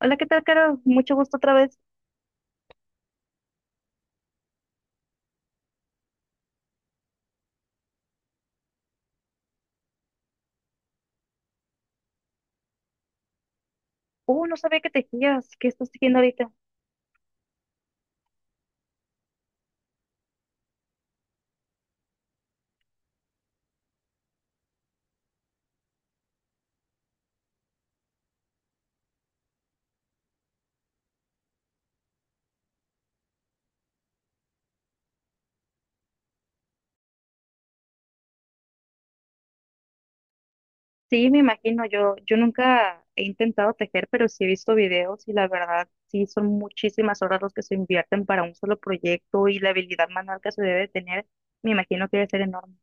Hola, ¿qué tal, Caro? Mucho gusto otra vez. No sabía que tejías. ¿Qué estás tejiendo ahorita? Sí, me imagino. Yo nunca he intentado tejer, pero sí he visto videos y la verdad, sí son muchísimas horas los que se invierten para un solo proyecto y la habilidad manual que se debe tener, me imagino que debe ser enorme.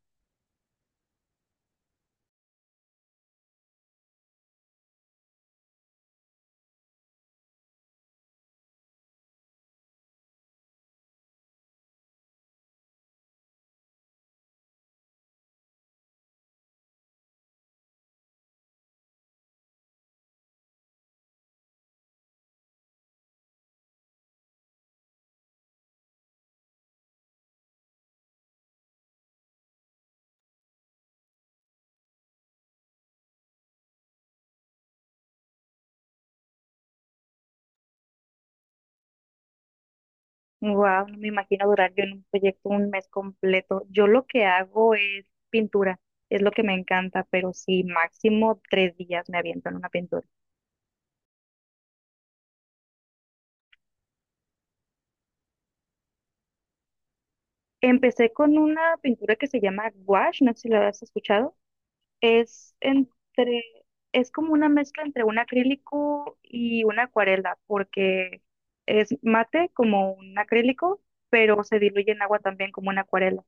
Wow, no me imagino durar yo en un proyecto un mes completo. Yo lo que hago es pintura, es lo que me encanta, pero sí, máximo tres días me aviento en una pintura. Empecé con una pintura que se llama gouache, no sé si la has escuchado. Es entre, es como una mezcla entre un acrílico y una acuarela, porque es mate como un acrílico, pero se diluye en agua también como una acuarela.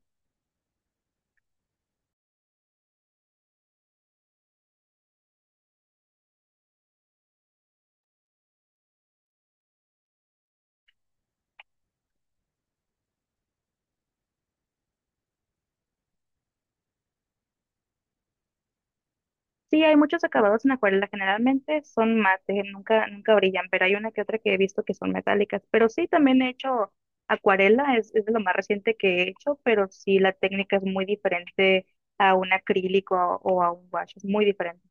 Sí, hay muchos acabados en acuarela, generalmente son mate, nunca, nunca brillan, pero hay una que otra que he visto que son metálicas. Pero sí, también he hecho acuarela, es de lo más reciente que he hecho, pero sí la técnica es muy diferente a un acrílico o a un wash, es muy diferente.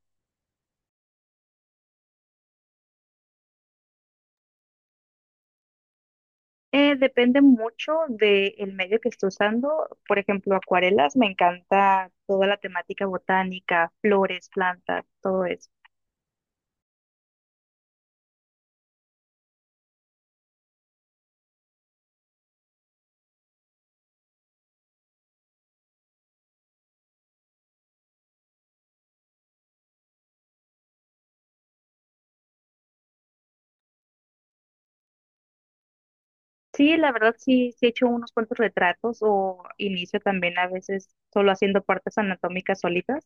Depende mucho del medio que esté usando. Por ejemplo, acuarelas, me encanta toda la temática botánica, flores, plantas, todo eso. Sí, la verdad sí, sí he hecho unos cuantos retratos o inicio también a veces solo haciendo partes anatómicas solitas,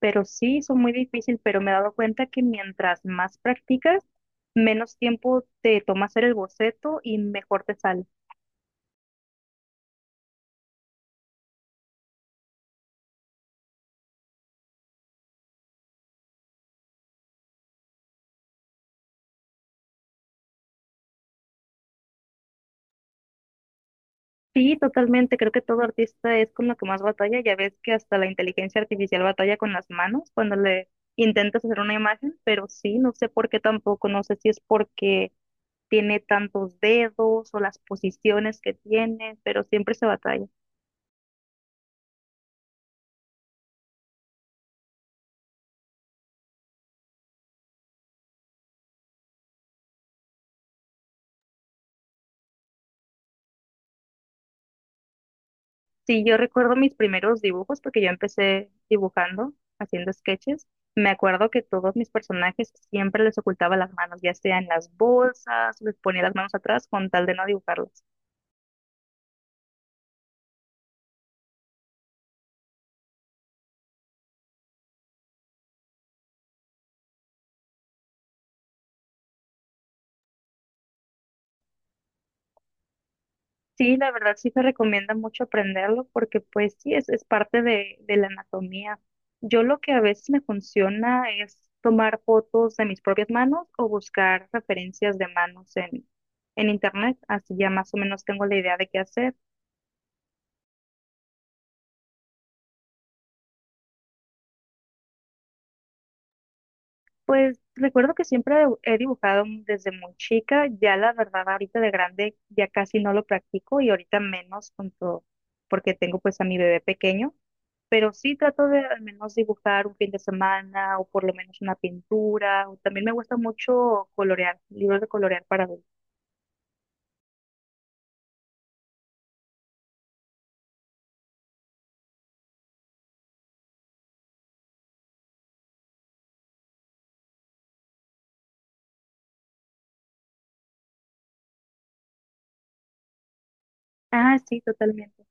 pero sí, son muy difícil, pero me he dado cuenta que mientras más practicas, menos tiempo te toma hacer el boceto y mejor te sale. Sí, totalmente, creo que todo artista es con lo que más batalla, ya ves que hasta la inteligencia artificial batalla con las manos cuando le intentas hacer una imagen, pero sí, no sé por qué tampoco, no sé si es porque tiene tantos dedos o las posiciones que tiene, pero siempre se batalla. Sí, yo recuerdo mis primeros dibujos porque yo empecé dibujando, haciendo sketches. Me acuerdo que todos mis personajes siempre les ocultaba las manos, ya sea en las bolsas, les ponía las manos atrás con tal de no dibujarlas. Sí, la verdad sí se recomienda mucho aprenderlo porque pues sí, es parte de la anatomía. Yo lo que a veces me funciona es tomar fotos de mis propias manos o buscar referencias de manos en, internet, así ya más o menos tengo la idea de qué hacer. Pues recuerdo que siempre he dibujado desde muy chica, ya la verdad ahorita de grande ya casi no lo practico y ahorita menos con todo, porque tengo pues a mi bebé pequeño pero sí trato de al menos dibujar un fin de semana o por lo menos una pintura. O también me gusta mucho colorear, libros de colorear para adultos. Ah, sí, totalmente.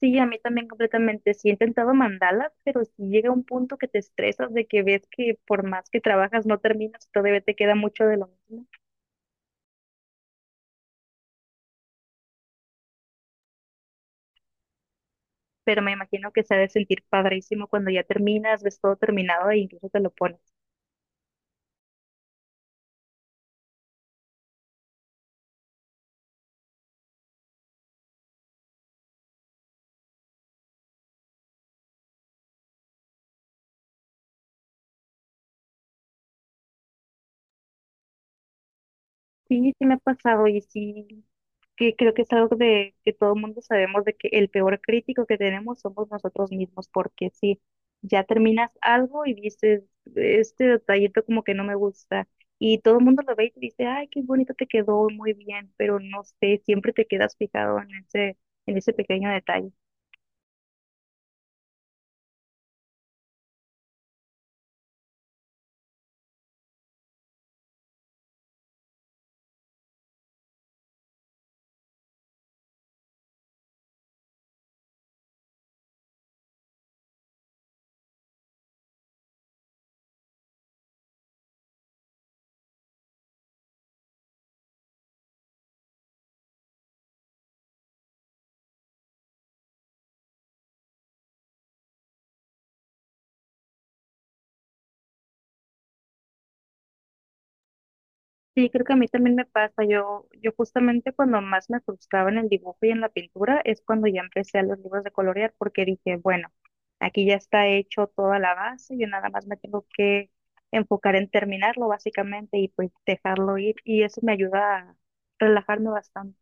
Sí, a mí también completamente. Sí, he intentado mandalas, pero si llega un punto que te estresas de que ves que por más que trabajas no terminas, todavía te queda mucho de lo mismo. Pero me imagino que se ha de sentir padrísimo cuando ya terminas, ves todo terminado e incluso te lo pones. Sí, sí me ha pasado y sí, que creo que es algo de que todo el mundo sabemos de que el peor crítico que tenemos somos nosotros mismos, porque si ya terminas algo y dices, este detallito como que no me gusta, y todo el mundo lo ve y te dice, ay, qué bonito te quedó, muy bien, pero no sé, siempre te quedas fijado en ese, pequeño detalle. Sí, creo que a mí también me pasa. Yo justamente cuando más me frustraba en el dibujo y en la pintura es cuando ya empecé a los libros de colorear porque dije, bueno, aquí ya está hecho toda la base, yo nada más me tengo que enfocar en terminarlo básicamente y pues dejarlo ir y eso me ayuda a relajarme bastante.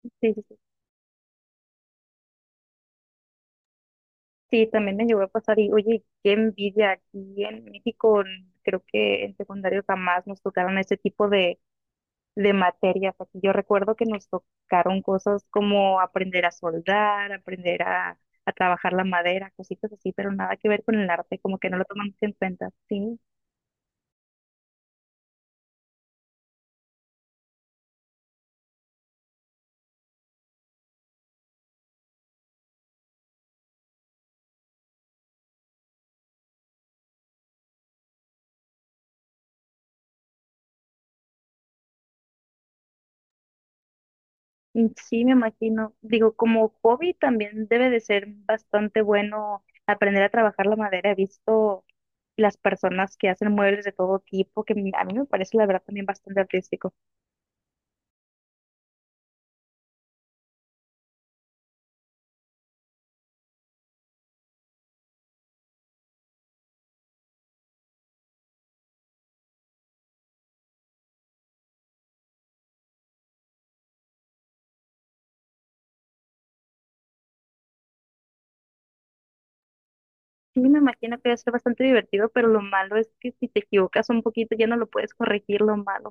Sí, sí, sí. Sí, también me llegó a pasar y oye, qué envidia aquí en México, creo que en secundario jamás nos tocaron ese tipo de materias. Aquí yo recuerdo que nos tocaron cosas como aprender a soldar, aprender a trabajar la madera, cositas así, pero nada que ver con el arte, como que no lo tomamos en cuenta. Sí. Sí, me imagino. Digo, como hobby también debe de ser bastante bueno aprender a trabajar la madera. He visto las personas que hacen muebles de todo tipo, que a mí me parece la verdad también bastante artístico. Sí, me imagino que debe ser bastante divertido, pero lo malo es que si te equivocas un poquito ya no lo puedes corregir lo malo.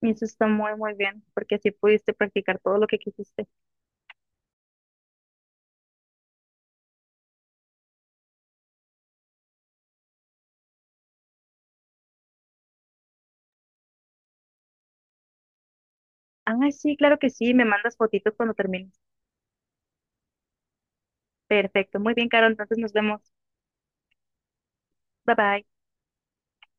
Y eso está muy, muy bien, porque así pudiste practicar todo lo que quisiste. Ah, sí, claro que sí, me mandas fotitos cuando termines. Perfecto, muy bien, Caro, entonces nos vemos. Bye bye.